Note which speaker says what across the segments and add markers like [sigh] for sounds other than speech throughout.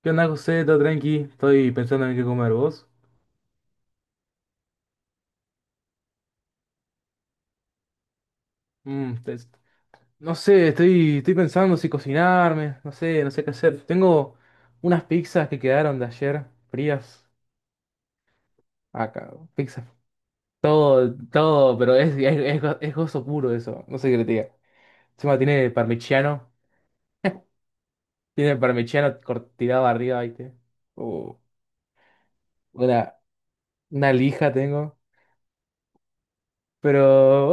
Speaker 1: ¿Qué onda, José? ¿Todo tranqui? Estoy pensando en qué comer, ¿vos? Mm, te- no sé, estoy pensando si cocinarme, no sé, no sé qué hacer. Tengo unas pizzas que quedaron de ayer, frías. Acá, pizzas. Todo, todo, pero es gozo puro eso, no sé qué le diga. Encima tiene parmigiano, tiene parmigiano tirado arriba, ¿viste? Uh, una, una lija tengo. Pero,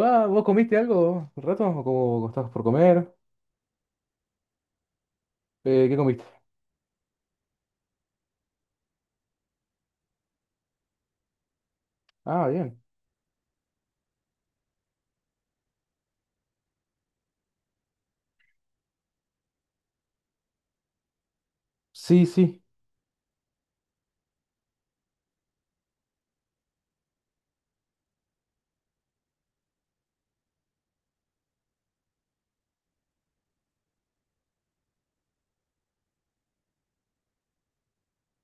Speaker 1: ¿vos comiste algo un rato? ¿O cómo estás por comer? ¿Qué comiste? Ah, bien. Sí, sí,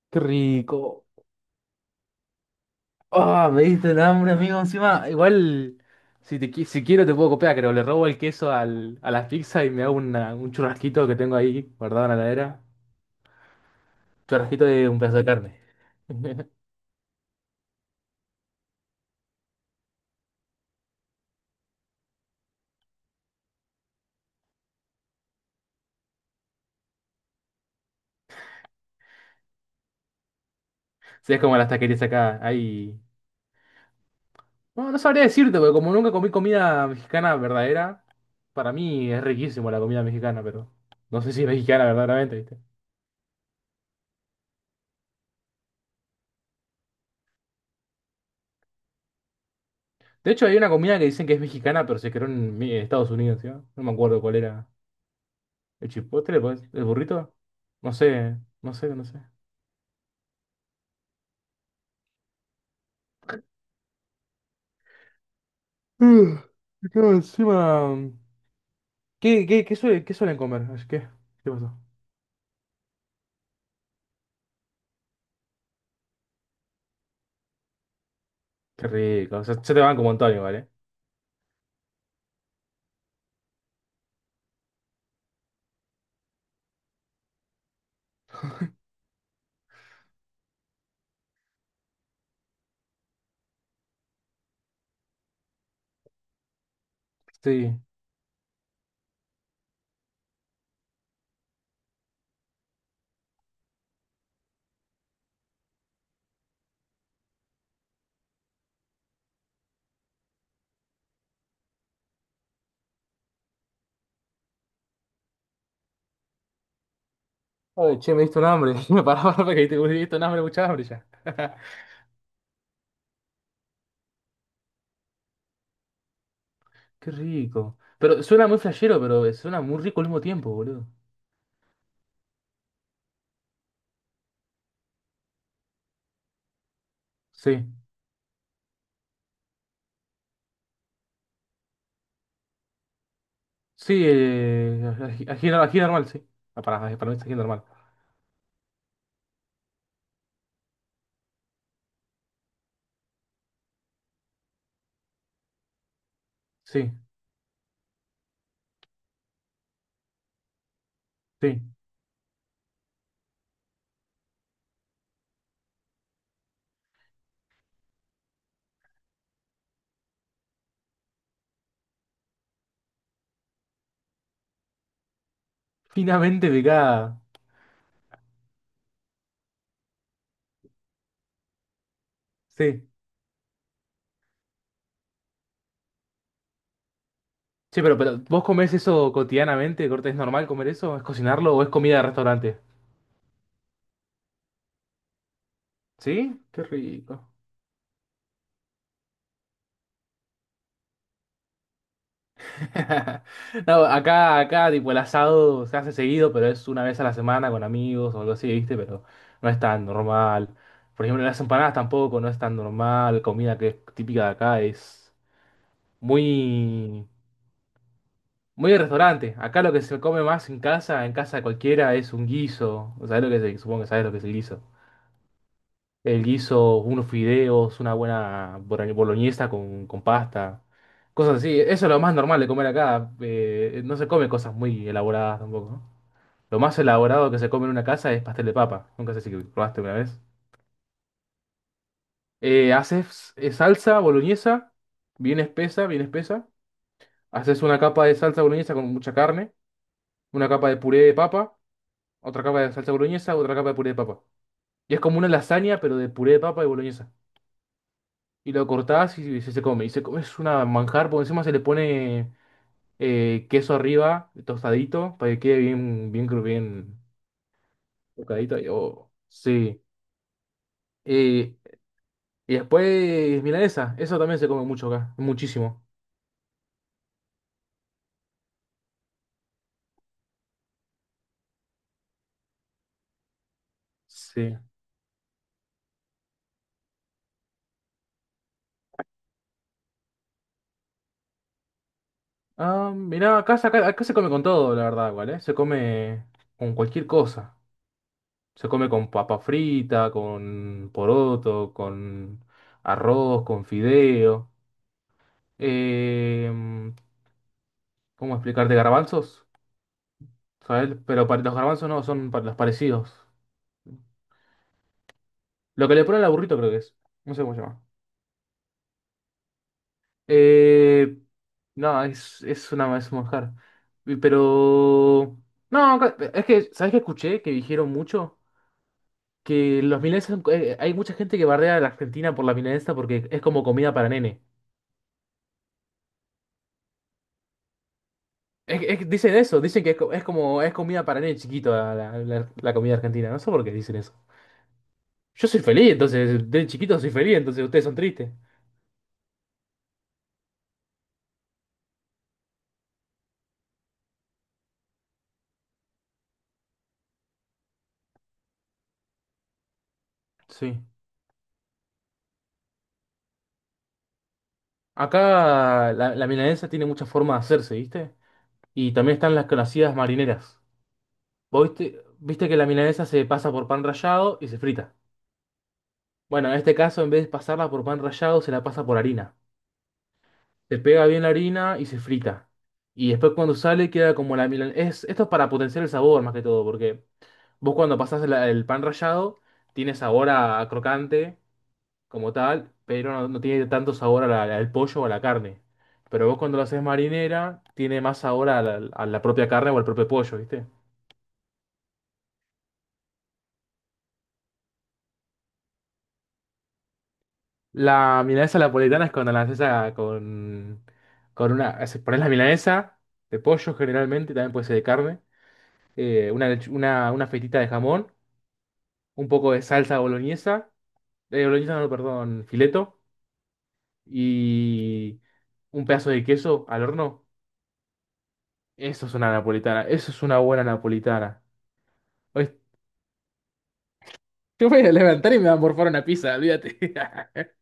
Speaker 1: qué rico. Ah, me diste el hambre, amigo, encima. Igual, si quiero te puedo copiar, creo. Le robo el queso a la pizza y me hago un churrasquito que tengo ahí guardado en la heladera. Churrasquito de un pedazo de carne. [laughs] Sí, es como las taquerías acá, hay... No, no sabría decirte, porque como nunca comí comida mexicana verdadera, para mí es riquísimo la comida mexicana, pero no sé si es mexicana verdaderamente, ¿viste? De hecho, hay una comida que dicen que es mexicana, pero se creó en Estados Unidos, ¿sí? No me acuerdo cuál era. El chipotle, pues, el burrito. No sé, no sé, no sé. Y claro, encima. ¿Qué suelen comer? Ay, ¿qué? ¿Qué pasó? Qué rico. Se te van como Antonio, ¿vale? Sí. Ay, che, me diste un hambre. [laughs] Me paraba me diste un hambre, mucha hambre ya. [laughs] Qué rico. Pero suena muy flashero, pero suena muy rico al mismo tiempo, boludo. Sí. Sí, ají, ají normal, sí. Ah, para mí es ají normal. Sí, sí. Finamente picada. Sí. Sí, pero ¿vos comés eso cotidianamente? Corte, ¿es normal comer eso? ¿Es cocinarlo o es comida de restaurante? ¿Sí? Qué rico. [laughs] No, acá, acá, tipo, el asado se hace seguido, pero es una vez a la semana con amigos o algo así, ¿viste? Pero no es tan normal. Por ejemplo, las empanadas tampoco, no es tan normal. Comida que es típica de acá es muy, muy de restaurante. Acá lo que se come más en casa de cualquiera, es un guiso. ¿Sabés lo que es el- Supongo que sabes lo que es el guiso. Él hizo unos fideos, una buena boloñesa con pasta, cosas así. Eso es lo más normal de comer acá. No se come cosas muy elaboradas tampoco, ¿no? Lo más elaborado que se come en una casa es pastel de papa. Nunca sé si probaste una vez. Haces salsa boloñesa, bien espesa, bien espesa. Haces una capa de salsa boloñesa con mucha carne, una capa de puré de papa, otra capa de salsa boloñesa, otra capa de puré de papa. Y es como una lasaña, pero de puré de papa y boloñesa. Y lo cortás y se come. Y se come, es una manjar, porque encima se le pone queso arriba, tostadito, para que quede bien tostadito. Y, oh, sí. Eh, y después, milanesa, eso también se come mucho acá, muchísimo. Sí. Ah, mirá, acá se come con todo, la verdad, igual, ¿eh? Se come con cualquier cosa. Se come con papa frita, con poroto, con arroz, con fideo. Eh, ¿Cómo explicarte garbanzos? ¿Sabes? Pero para los garbanzos no, son para los parecidos. Lo que le ponen al burrito creo que es. No sé cómo se llama. Eh, no, es un manjar. Y... Pero... No, es que, ¿sabes qué escuché? Que dijeron mucho que los milanesas... hay mucha gente que bardea a la Argentina por la milanesa porque es como comida para nene. Es que dicen eso, dicen que es como es comida para nene chiquito la, la comida argentina. No sé por qué dicen eso. Yo soy feliz, entonces, de chiquito soy feliz, entonces ustedes son tristes. Sí. Acá la, la milanesa tiene muchas formas de hacerse, ¿viste? Y también están las conocidas marineras. ¿Vos viste, viste que la milanesa se pasa por pan rallado y se frita? Bueno, en este caso, en vez de pasarla por pan rallado, se la pasa por harina. Se pega bien la harina y se frita. Y después cuando sale queda como la milanesa. Esto es para potenciar el sabor más que todo, porque vos cuando pasás el pan rallado, tiene sabor a crocante como tal, pero no, no tiene tanto sabor a al pollo o a la carne. Pero vos cuando lo haces marinera, tiene más sabor a la propia carne o al propio pollo, ¿viste? La milanesa napolitana es cuando la haces con una... Pones la milanesa de pollo generalmente, también puede ser de carne, una, una fetita de jamón, un poco de salsa boloñesa, boloñesa no, perdón, fileto, y un pedazo de queso al horno. Eso es una napolitana, eso es una buena napolitana. Yo voy a levantar y me va a morfar una pizza, olvídate. [laughs]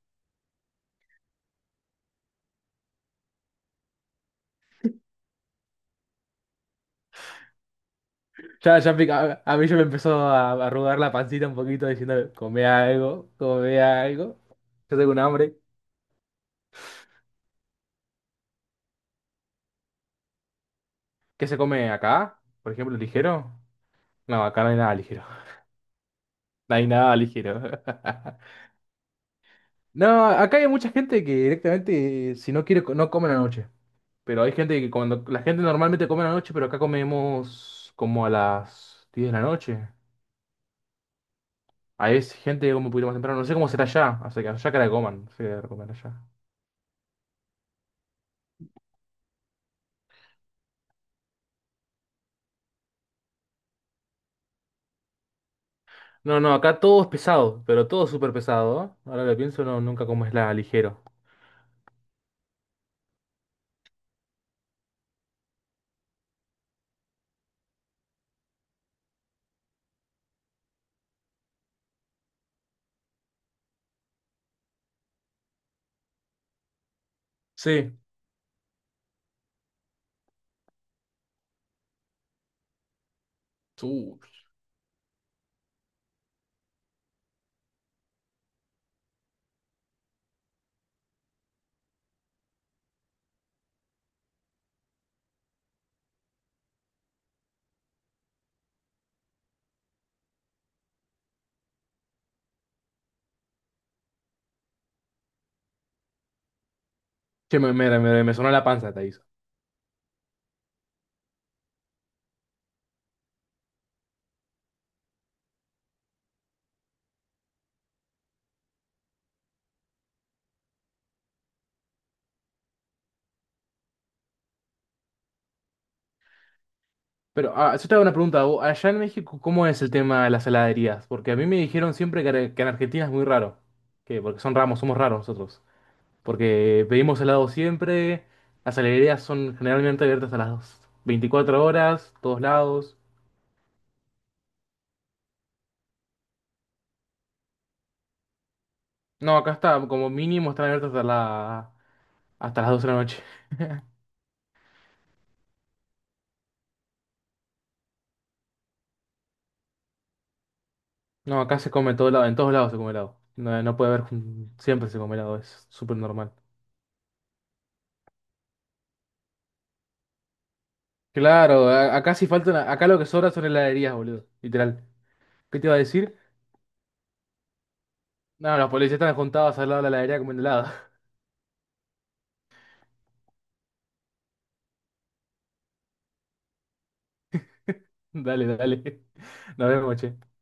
Speaker 1: A, a mí ya me empezó a arrugar la pancita un poquito diciendo, come algo, come algo. Yo tengo un hambre. ¿Qué se come acá? Por ejemplo, ligero. No, acá no hay nada ligero. [laughs] No hay nada ligero. [laughs] No, acá hay mucha gente que directamente, si no quiere, no come a la noche. Pero hay gente que cuando, la gente normalmente come a la noche, pero acá comemos como a las 10 de la noche. Ahí es gente que come un poquito más temprano. No sé cómo será allá. O sea, que allá que la coman. No sé qué la allá. No, no, acá todo es pesado, pero todo es súper pesado. ¿Eh? Ahora lo pienso, no, nunca comes la ligero. Sí. Uy. Che, me sonó la panza, te aviso. Pero ah, yo te hago una pregunta. Vos, allá en México, ¿cómo es el tema de las heladerías? Porque a mí me dijeron siempre que en Argentina es muy raro. Que porque son ramos, somos raros nosotros. Porque pedimos helado siempre. Las heladerías son generalmente abiertas a las 24 horas, todos lados. No, acá está, como mínimo están abiertos hasta las 12 de la noche. No, acá se come todo lado, en todos lados se come helado. No, no puede haber, siempre se come helado, es súper normal. Claro, acá sí faltan, acá lo que sobra son heladerías, boludo, literal. ¿Qué te iba a decir? No, los policías están juntados al lado de la heladería comiendo helado. [laughs] Dale, dale. Nos vemos, che.